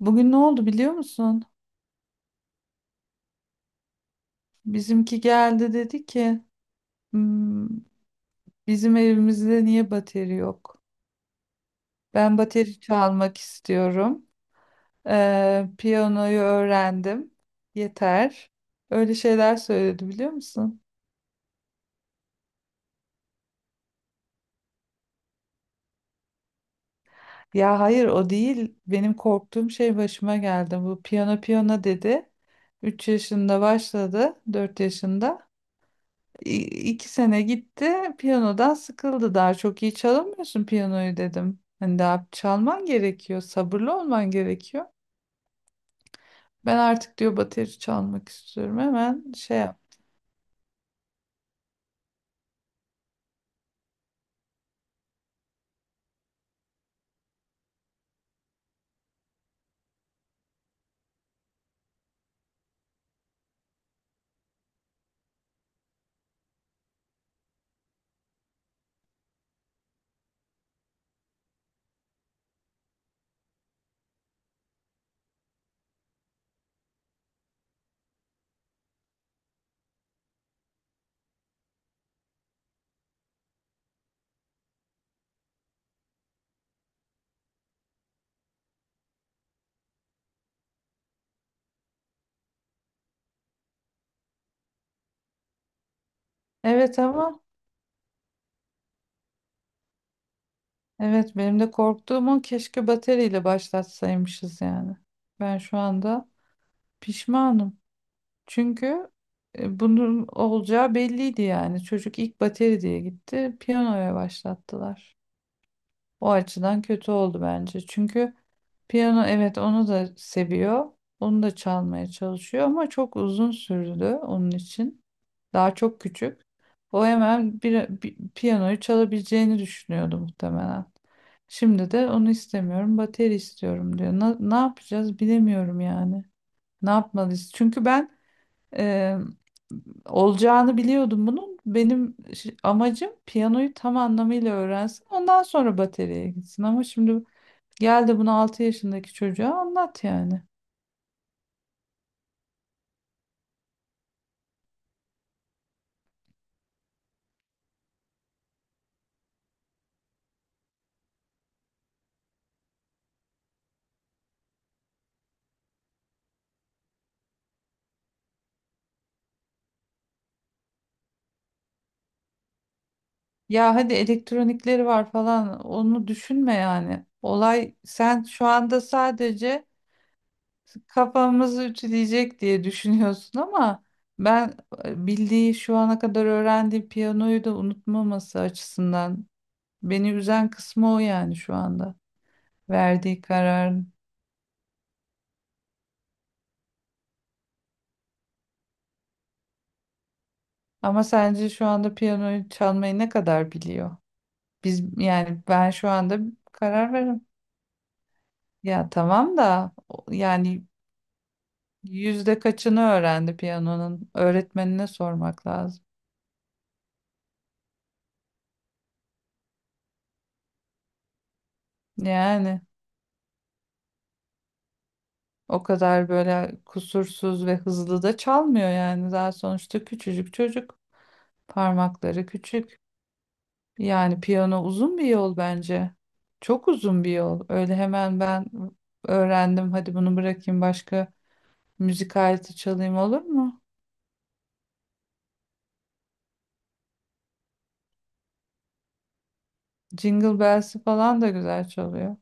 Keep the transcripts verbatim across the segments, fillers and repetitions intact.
Bugün ne oldu biliyor musun? Bizimki geldi dedi ki "Hmm, bizim evimizde niye bateri yok? Ben bateri çalmak istiyorum. Ee, piyanoyu öğrendim. Yeter. Öyle şeyler söyledi biliyor musun? Ya hayır o değil. Benim korktuğum şey başıma geldi. Bu piyano piyano dedi. Üç yaşında başladı. dört yaşında. İ- iki sene gitti. Piyanodan sıkıldı. Daha çok iyi çalamıyorsun piyanoyu dedim. Hani daha çalman gerekiyor. Sabırlı olman gerekiyor. Ben artık diyor bateri çalmak istiyorum. Hemen şey yap. Evet ama evet benim de korktuğum o, keşke bateriyle başlatsaymışız yani. Ben şu anda pişmanım. Çünkü e, bunun olacağı belliydi yani. Çocuk ilk bateri diye gitti. Piyanoya başlattılar. O açıdan kötü oldu bence. Çünkü piyano, evet, onu da seviyor. Onu da çalmaya çalışıyor ama çok uzun sürdü onun için. Daha çok küçük. O hemen bir, bir- piyanoyu çalabileceğini düşünüyordu muhtemelen. Şimdi de onu istemiyorum, bateri istiyorum diyor. Na- ne yapacağız bilemiyorum yani. Ne yapmalıyız? Çünkü ben olacağını biliyordum bunun. Benim ş- amacım piyanoyu tam anlamıyla öğrensin. Ondan sonra bataryaya gitsin. Ama şimdi gel de bunu altı yaşındaki çocuğa anlat yani. Ya hadi elektronikleri var falan, onu düşünme yani. Olay, sen şu anda sadece kafamızı ütüleyecek diye düşünüyorsun ama ben e, bildiği, şu ana kadar öğrendiği piyanoyu da unutmaması açısından beni üzen kısmı o, yani şu anda verdiği karar. Ama sence şu anda piyanoyu çalmayı ne kadar biliyor? Biz yani ben şu anda karar veririm. Ya tamam da o- yani yüzde kaçını öğrendi piyanonun? Öğretmenine sormak lazım. Yani o kadar böyle kusursuz ve hızlı da çalmıyor yani. Daha sonuçta küçücük çocuk. Parmakları küçük. Yani piyano uzun bir yol bence. Çok uzun bir yol. Öyle hemen ben öğrendim, hadi bunu bırakayım, başka müzik aleti çalayım, olur mu? Jingle Bells'i falan da güzel çalıyor.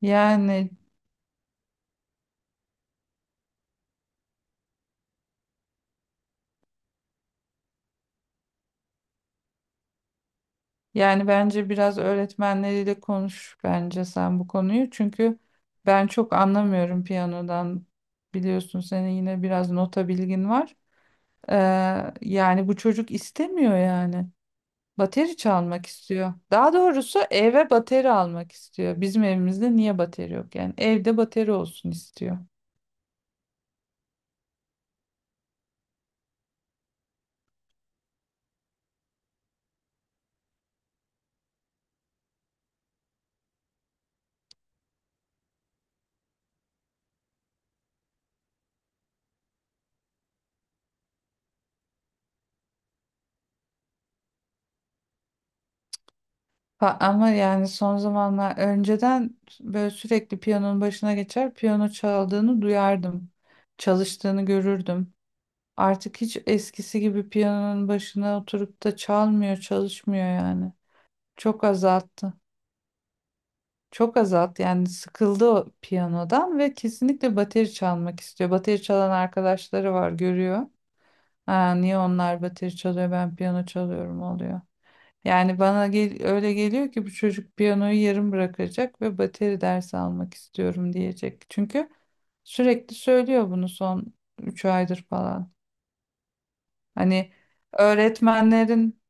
Yani yani bence biraz öğretmenleriyle konuş bence sen bu konuyu. Çünkü ben çok anlamıyorum piyanodan. Biliyorsun, senin yine biraz nota bilgin var. Ee, yani bu çocuk istemiyor yani. Bateri çalmak istiyor. Daha doğrusu eve bateri almak istiyor. Bizim evimizde niye bateri yok? Yani evde bateri olsun istiyor. Pa- Ama yani son zamanlar, önceden böyle sürekli piyanonun başına geçer, piyano çaldığını duyardım. Çalıştığını görürdüm. Artık hiç eskisi gibi piyanonun başına oturup da çalmıyor, çalışmıyor yani. Çok azalttı. Çok azalttı, yani sıkıldı o piyanodan ve kesinlikle bateri çalmak istiyor. Bateri çalan arkadaşları var, görüyor. Ha, niye onlar bateri çalıyor ben piyano çalıyorum oluyor. Yani bana gel öyle geliyor ki bu çocuk piyanoyu yarım bırakacak ve bateri dersi almak istiyorum diyecek. Çünkü sürekli söylüyor bunu son üç aydır falan. Hani öğretmenlerin,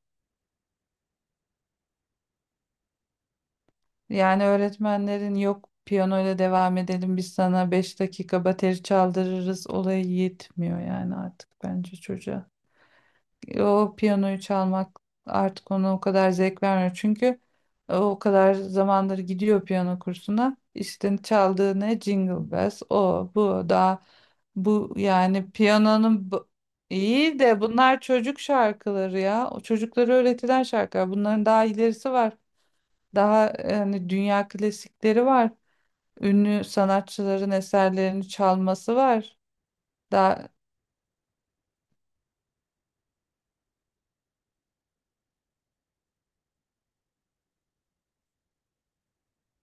yani öğretmenlerin yok piyanoyla devam edelim biz sana beş dakika bateri çaldırırız olayı yetmiyor yani artık bence çocuğa. O piyanoyu çalmak artık ona o kadar zevk vermiyor. Çünkü o kadar zamandır gidiyor piyano kursuna. İşte çaldığı ne? Jingle Bells. O, bu, daha bu yani piyanonun bu- iyi de bunlar çocuk şarkıları ya. O, çocuklara öğretilen şarkılar. Bunların daha ilerisi var. Daha yani dünya klasikleri var. Ünlü sanatçıların eserlerini çalması var. Daha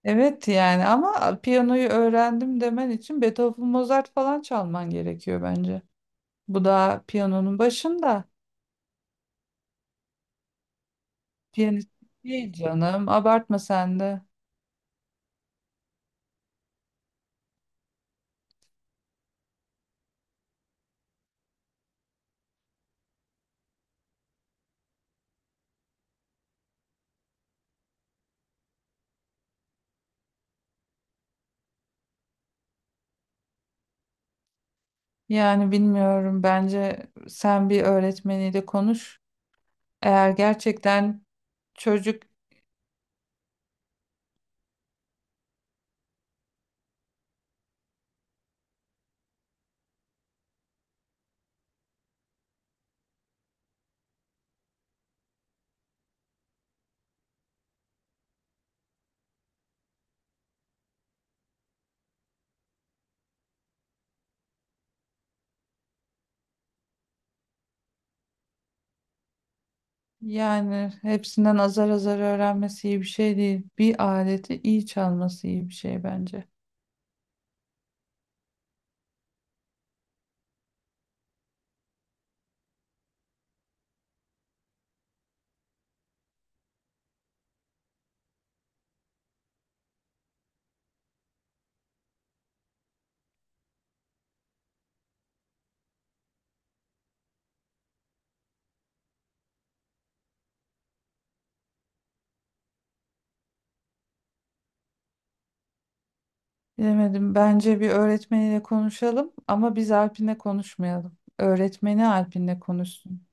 Evet, yani ama piyanoyu öğrendim demen için Beethoven, Mozart falan çalman gerekiyor bence. Bu da piyanonun başında. Piyanist değil canım. Abartma sen de. Yani bilmiyorum. Bence sen bir öğretmeniyle konuş. Eğer gerçekten çocuk yani hepsinden azar azar öğrenmesi iyi bir şey değil. Bir aleti iyi çalması iyi bir şey bence. Bilemedim. Bence bir öğretmeniyle konuşalım ama biz Alpin'le konuşmayalım. Öğretmeni Alpin'le konuşsun.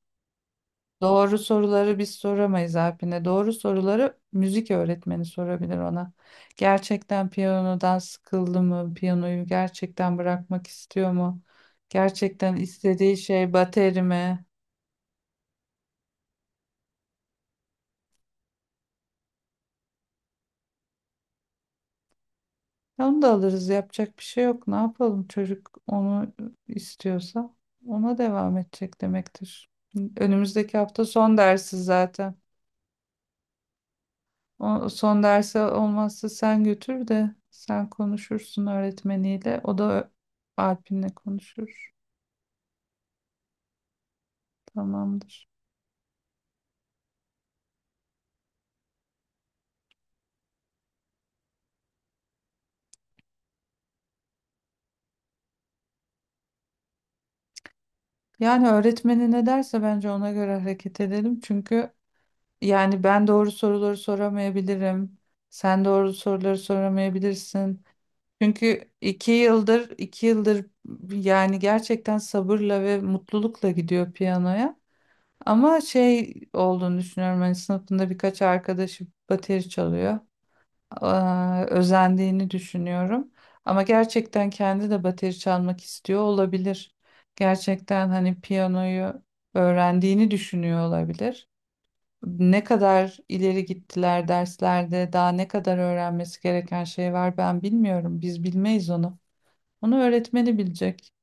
Doğru soruları biz soramayız Alpin'e. Doğru soruları müzik öğretmeni sorabilir ona. Gerçekten piyanodan sıkıldı mı? Piyanoyu gerçekten bırakmak istiyor mu? Gerçekten istediği şey bateri mi? Onu da alırız. Yapacak bir şey yok. Ne yapalım? Çocuk onu istiyorsa ona devam edecek demektir. Önümüzdeki hafta son dersi zaten. O, son derse olmazsa sen götür de sen konuşursun öğretmeniyle. O da ö- Alp'inle konuşur. Tamamdır. Yani öğretmeni ne derse bence ona göre hareket edelim. Çünkü yani ben doğru soruları soramayabilirim. Sen doğru soruları soramayabilirsin. Çünkü iki yıldır, iki yıldır yani gerçekten sabırla ve mutlulukla gidiyor piyanoya. Ama şey olduğunu düşünüyorum. Hani sınıfında birkaç arkadaşı bateri çalıyor. eee, özendiğini düşünüyorum. Ama gerçekten kendi de bateri çalmak istiyor olabilir. Gerçekten hani piyanoyu öğrendiğini düşünüyor olabilir. Ne kadar ileri gittiler derslerde, daha ne kadar öğrenmesi gereken şey var ben bilmiyorum. Biz bilmeyiz onu. Onu öğretmeni bilecek.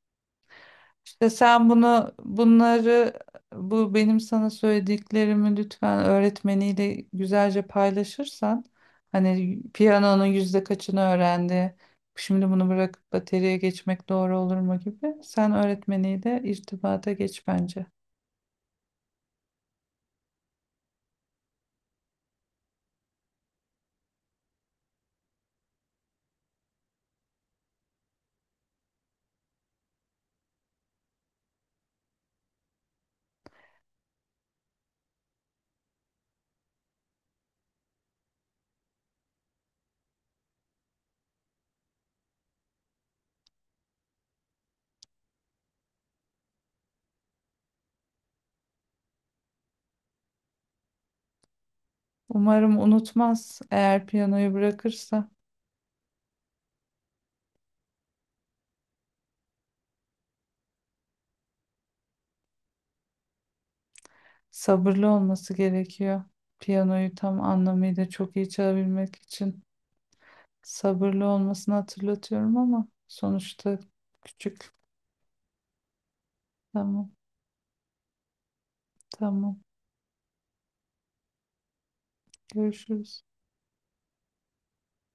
İşte sen bunu bunları, bu benim sana söylediklerimi lütfen öğretmeniyle güzelce paylaşırsan hani piyanonun yüzde kaçını öğrendi, şimdi bunu bırakıp bateriye geçmek doğru olur mu gibi, sen öğretmeniyle irtibata geç bence. Umarım unutmaz. Eğer piyanoyu bırakırsa sabırlı olması gerekiyor. Piyanoyu tam anlamıyla çok iyi çalabilmek için sabırlı olmasını hatırlatıyorum ama sonuçta küçük. Tamam, tamam. Görüşürüz.